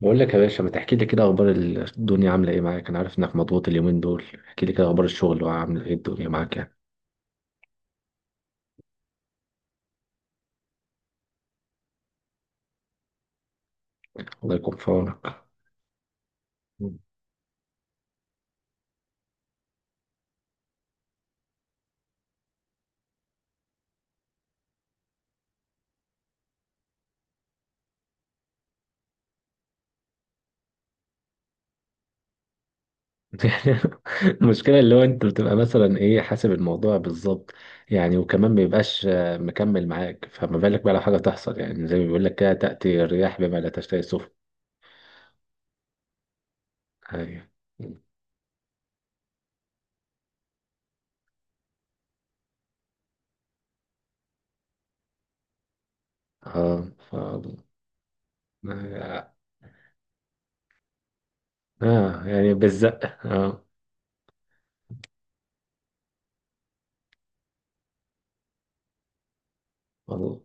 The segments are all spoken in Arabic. بقول لك يا باشا، ما تحكي لي كده اخبار الدنيا عامله ايه معاك. انا عارف انك مضغوط اليومين دول. احكي لي كده اخبار الشغل وعامله ايه الدنيا معاك يعني. الله يكون في عونك. يعني المشكله اللي هو انت بتبقى مثلا ايه، حاسب الموضوع بالظبط يعني. وكمان ما بيبقاش مكمل معاك، فما بالك بقى لو حاجه تحصل. يعني زي ما بيقول لك كده، تاتي الرياح بما لا تشتهي السفن. ايوه. اه اه، يعني بالزق اه. والله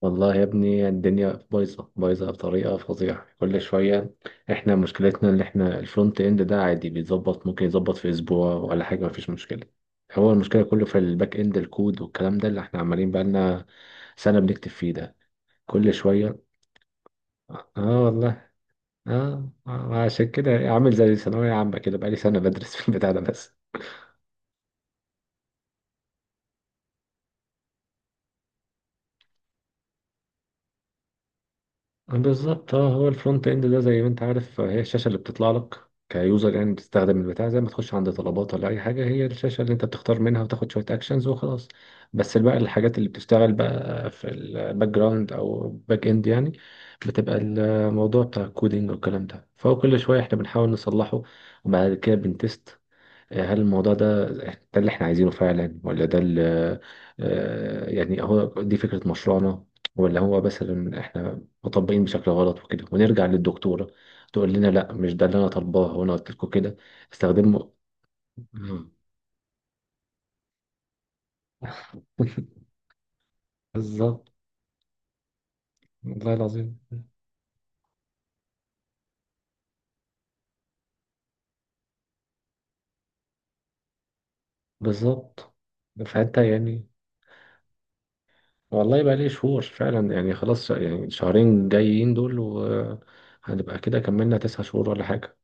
والله يا ابني، الدنيا بايظة بايظة بطريقة فظيعة كل شوية. احنا مشكلتنا اللي احنا الفرونت اند ده عادي بيتظبط، ممكن يتظبط في اسبوع ولا حاجة، مفيش مشكلة. هو المشكلة كله في الباك اند، الكود والكلام ده اللي احنا عمالين بقالنا سنة بنكتب فيه ده كل شوية. اه والله. اه عشان كده عامل زي ثانوية عامة كده بقالي سنة بدرس في البتاع ده بس. بالظبط اه، هو الفرونت اند ده زي ما انت عارف هي الشاشه اللي بتطلع لك كيوزر، يعني بتستخدم البتاع زي ما تخش عند طلبات ولا اي حاجه، هي الشاشه اللي انت بتختار منها وتاخد شويه اكشنز وخلاص. بس بقى الحاجات اللي بتشتغل بقى في الباك جراوند او باك اند يعني. بتبقى الموضوع بتاع الكودينج والكلام ده، فهو كل شويه احنا بنحاول نصلحه وبعد كده بنتست هل الموضوع ده اللي احنا عايزينه فعلا، ولا ده اللي يعني هو دي فكرة مشروعنا، ولا هو مثلا احنا مطبقين بشكل غلط وكده، ونرجع للدكتورة تقول لنا لا، مش ده اللي انا طالباه وانا قلت لكم كده استخدمه. مم. بالظبط والله العظيم. بالظبط فانت يعني، والله بقى لي شهور فعلا يعني، خلاص يعني شهرين جايين دول وهنبقى كده كملنا 9 شهور ولا حاجة.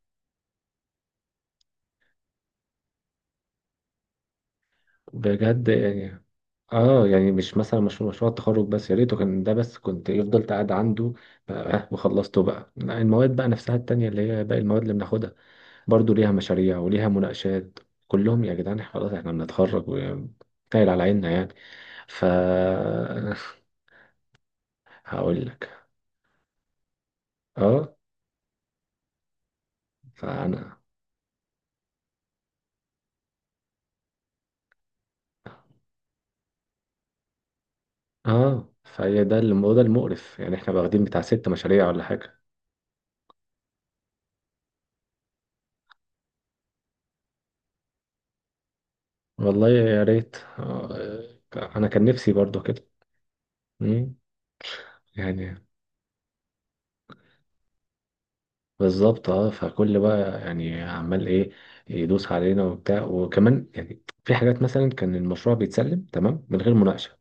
بجد يعني. اه يعني مش مثلا مشروع التخرج بس، يا ريته كان ده بس كنت فضلت قاعد عنده بقى وخلصته بقى. لا، المواد بقى نفسها التانية اللي هي باقي المواد اللي بناخدها برضو ليها مشاريع وليها مناقشات. كلهم يا جدعان، خلاص احنا بنتخرج وتايل على عيننا يعني. ف هقول لك. اه فانا، اه فهي ده المقرف، يعني احنا واخدين بتاع ست مشاريع ولا حاجة. والله يا ريت، انا كان نفسي برضو كده. مم. يعني بالظبط اه، فكل بقى يعني عمال ايه يدوس علينا وبتاع، وكمان يعني في حاجات مثلا كان المشروع بيتسلم تمام من غير مناقشة،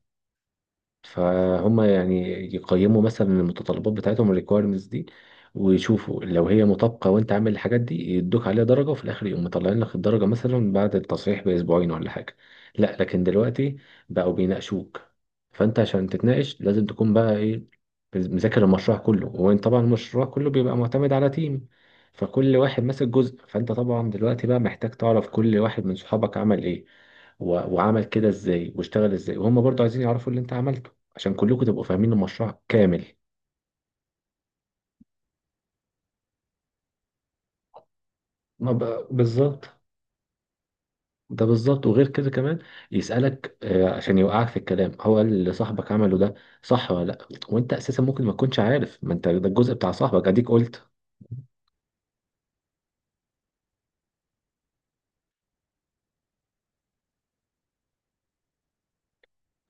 فهم يعني يقيموا مثلا المتطلبات بتاعتهم، الريكويرمنتس دي، ويشوفوا لو هي مطابقة وانت عامل الحاجات دي، يدوك عليها درجة، وفي الآخر يقوم مطلعين لك الدرجة مثلا بعد التصحيح بأسبوعين ولا حاجة. لا، لكن دلوقتي بقوا بيناقشوك، فانت عشان تتناقش لازم تكون بقى ايه، مذاكر المشروع كله. وانت طبعا المشروع كله بيبقى معتمد على تيم، فكل واحد ماسك جزء، فانت طبعا دلوقتي بقى محتاج تعرف كل واحد من صحابك عمل ايه وعمل كده ازاي واشتغل ازاي، وهم برضو عايزين يعرفوا اللي انت عملته عشان كلكم تبقوا فاهمين المشروع كامل. ما بالظبط. ده بالظبط، وغير كده كمان يسألك عشان يوقعك في الكلام، هو اللي صاحبك عمله ده صح ولا لا، وانت اساسا ممكن ما تكونش عارف، ما انت ده الجزء بتاع صاحبك. اديك قلت،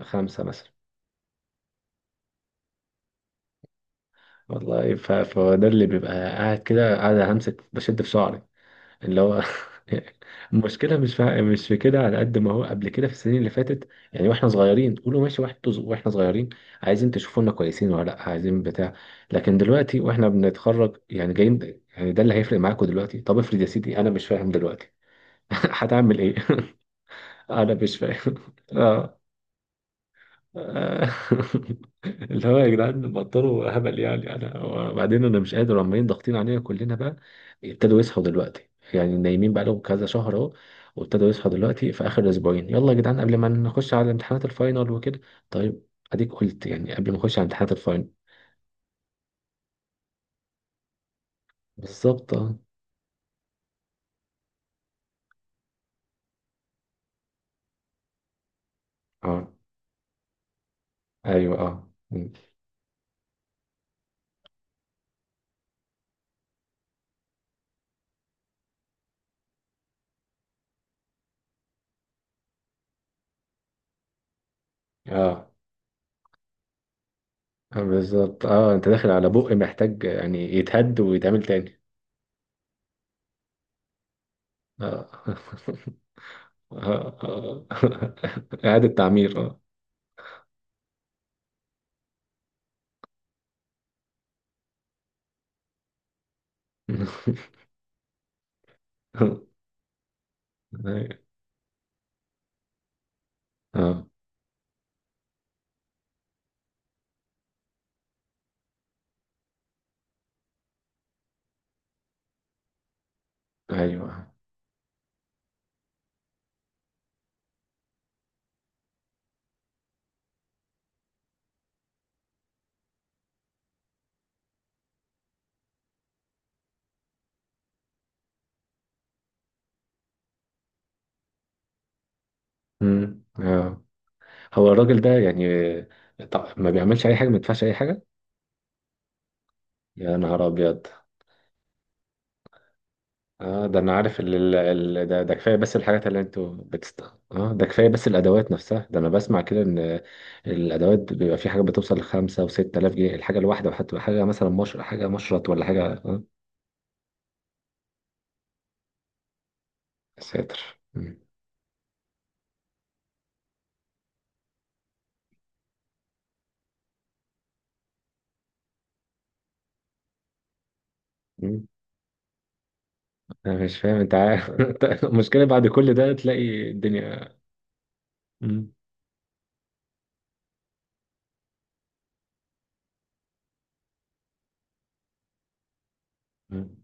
خمسة مثلا. والله فده اللي بيبقى قاعد كده، قاعد همسك بشد في شعري، اللي هو. المشكله مش في كده، على قد ما هو قبل كده في السنين اللي فاتت يعني واحنا صغيرين، تقولوا ماشي واحد واحنا صغيرين عايزين تشوفونا كويسين ولا لا، عايزين بتاع. لكن دلوقتي واحنا بنتخرج، يعني جايين يعني ده اللي هيفرق معاكم دلوقتي. طب افرض يا سيدي انا مش فاهم دلوقتي. هتعمل ايه؟ انا مش فاهم. آه. اللي هو يا جدعان، بطلوا هبل يعني، انا وبعدين انا مش قادر، عمالين ضاغطين علينا كلنا بقى. ابتدوا يصحوا دلوقتي، يعني نايمين بقى لهم كذا شهر اهو، وابتدوا يصحوا دلوقتي في اخر اسبوعين، يلا يا جدعان قبل ما نخش على امتحانات الفاينل وكده. طيب. اديك قلت يعني قبل ما نخش على امتحانات الفاينل. بالظبط اه. اه. ايوه اه م. اه آه، بالظبط اه، انت داخل على بق محتاج يعني يتهد ويتعمل تاني. اه آه، آه. إعادة تعمير اه. اه ايوه مم. اه هو الراجل ده يعني، طب ما بيعملش اي حاجه؟ ما يدفعش اي حاجه؟ يا نهار ابيض. اه ده انا عارف ال ال ال ده ده كفايه، بس الحاجات اللي انتوا بتست. اه ده كفايه، بس الادوات نفسها، ده انا بسمع كده ان الادوات بيبقى في حاجه بتوصل لخمسة وستة آلاف جنيه الحاجه الواحده، وحتى حاجه مثلا، مش حاجه مشرط ولا حاجه اه. يا ساتر. مم. انا مش فاهم انت عارف. المشكله بعد كل ده تلاقي الدنيا. مم. مم.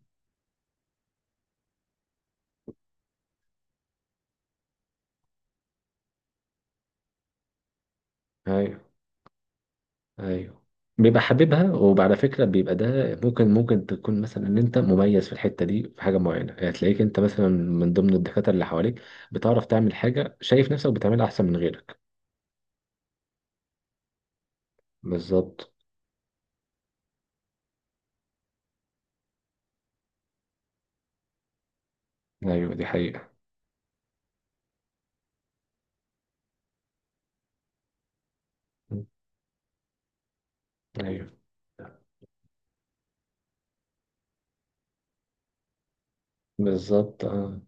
ايوه ايوه، بيبقى حاببها وعلى فكره بيبقى ده. ممكن تكون مثلا ان انت مميز في الحته دي في حاجه معينه، يعني تلاقيك انت مثلا من ضمن الدكاتره اللي حواليك بتعرف تعمل حاجه شايف نفسك بتعملها احسن من غيرك. بالظبط. ايوه دي حقيقه. مم. ايوه بالظبط اه.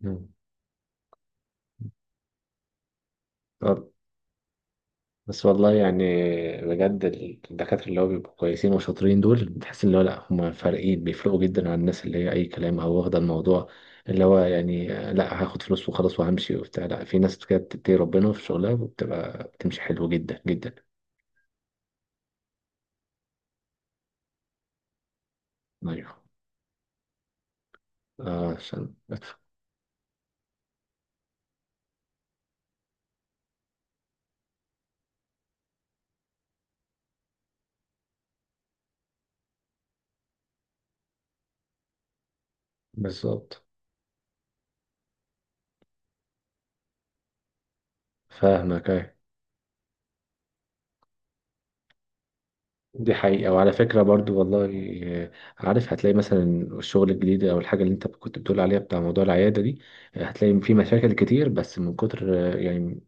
مم. طب بس والله يعني، بجد الدكاترة اللي هو بيبقوا كويسين وشاطرين دول، بتحس اللي هو لأ، هم فارقين، بيفرقوا جدا عن الناس اللي هي أي كلام، أو واخدة الموضوع اللي هو يعني لأ، هاخد فلوس وخلاص وهمشي وبتاع. لأ، في ناس كده بتتقي ربنا في شغلها وبتبقى بتمشي حلو جدا جدا. أيوه عشان. بالظبط. فاهمك أيوه. دي حقيقة، وعلى فكرة برضو والله. آه، عارف هتلاقي مثلا الشغل الجديد أو الحاجة اللي أنت كنت بتقول عليها، بتاع موضوع العيادة دي، هتلاقي في مشاكل كتير، بس من كتر يعني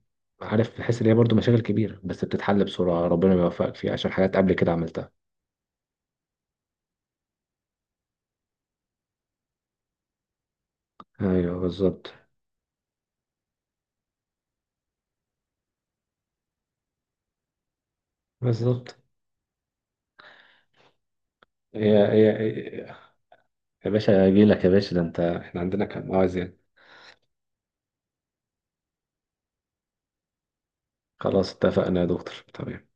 عارف، بحس إن هي برضو مشاكل كبيرة بس بتتحل بسرعة، ربنا يوفقك فيها عشان حاجات قبل كده عملتها. أيوه بالظبط. بالظبط. يا يا يا يا باشا، أجيلك يا باشا، ده أنت إحنا عندنا كان مواعيد يعني. خلاص اتفقنا يا دكتور، تمام.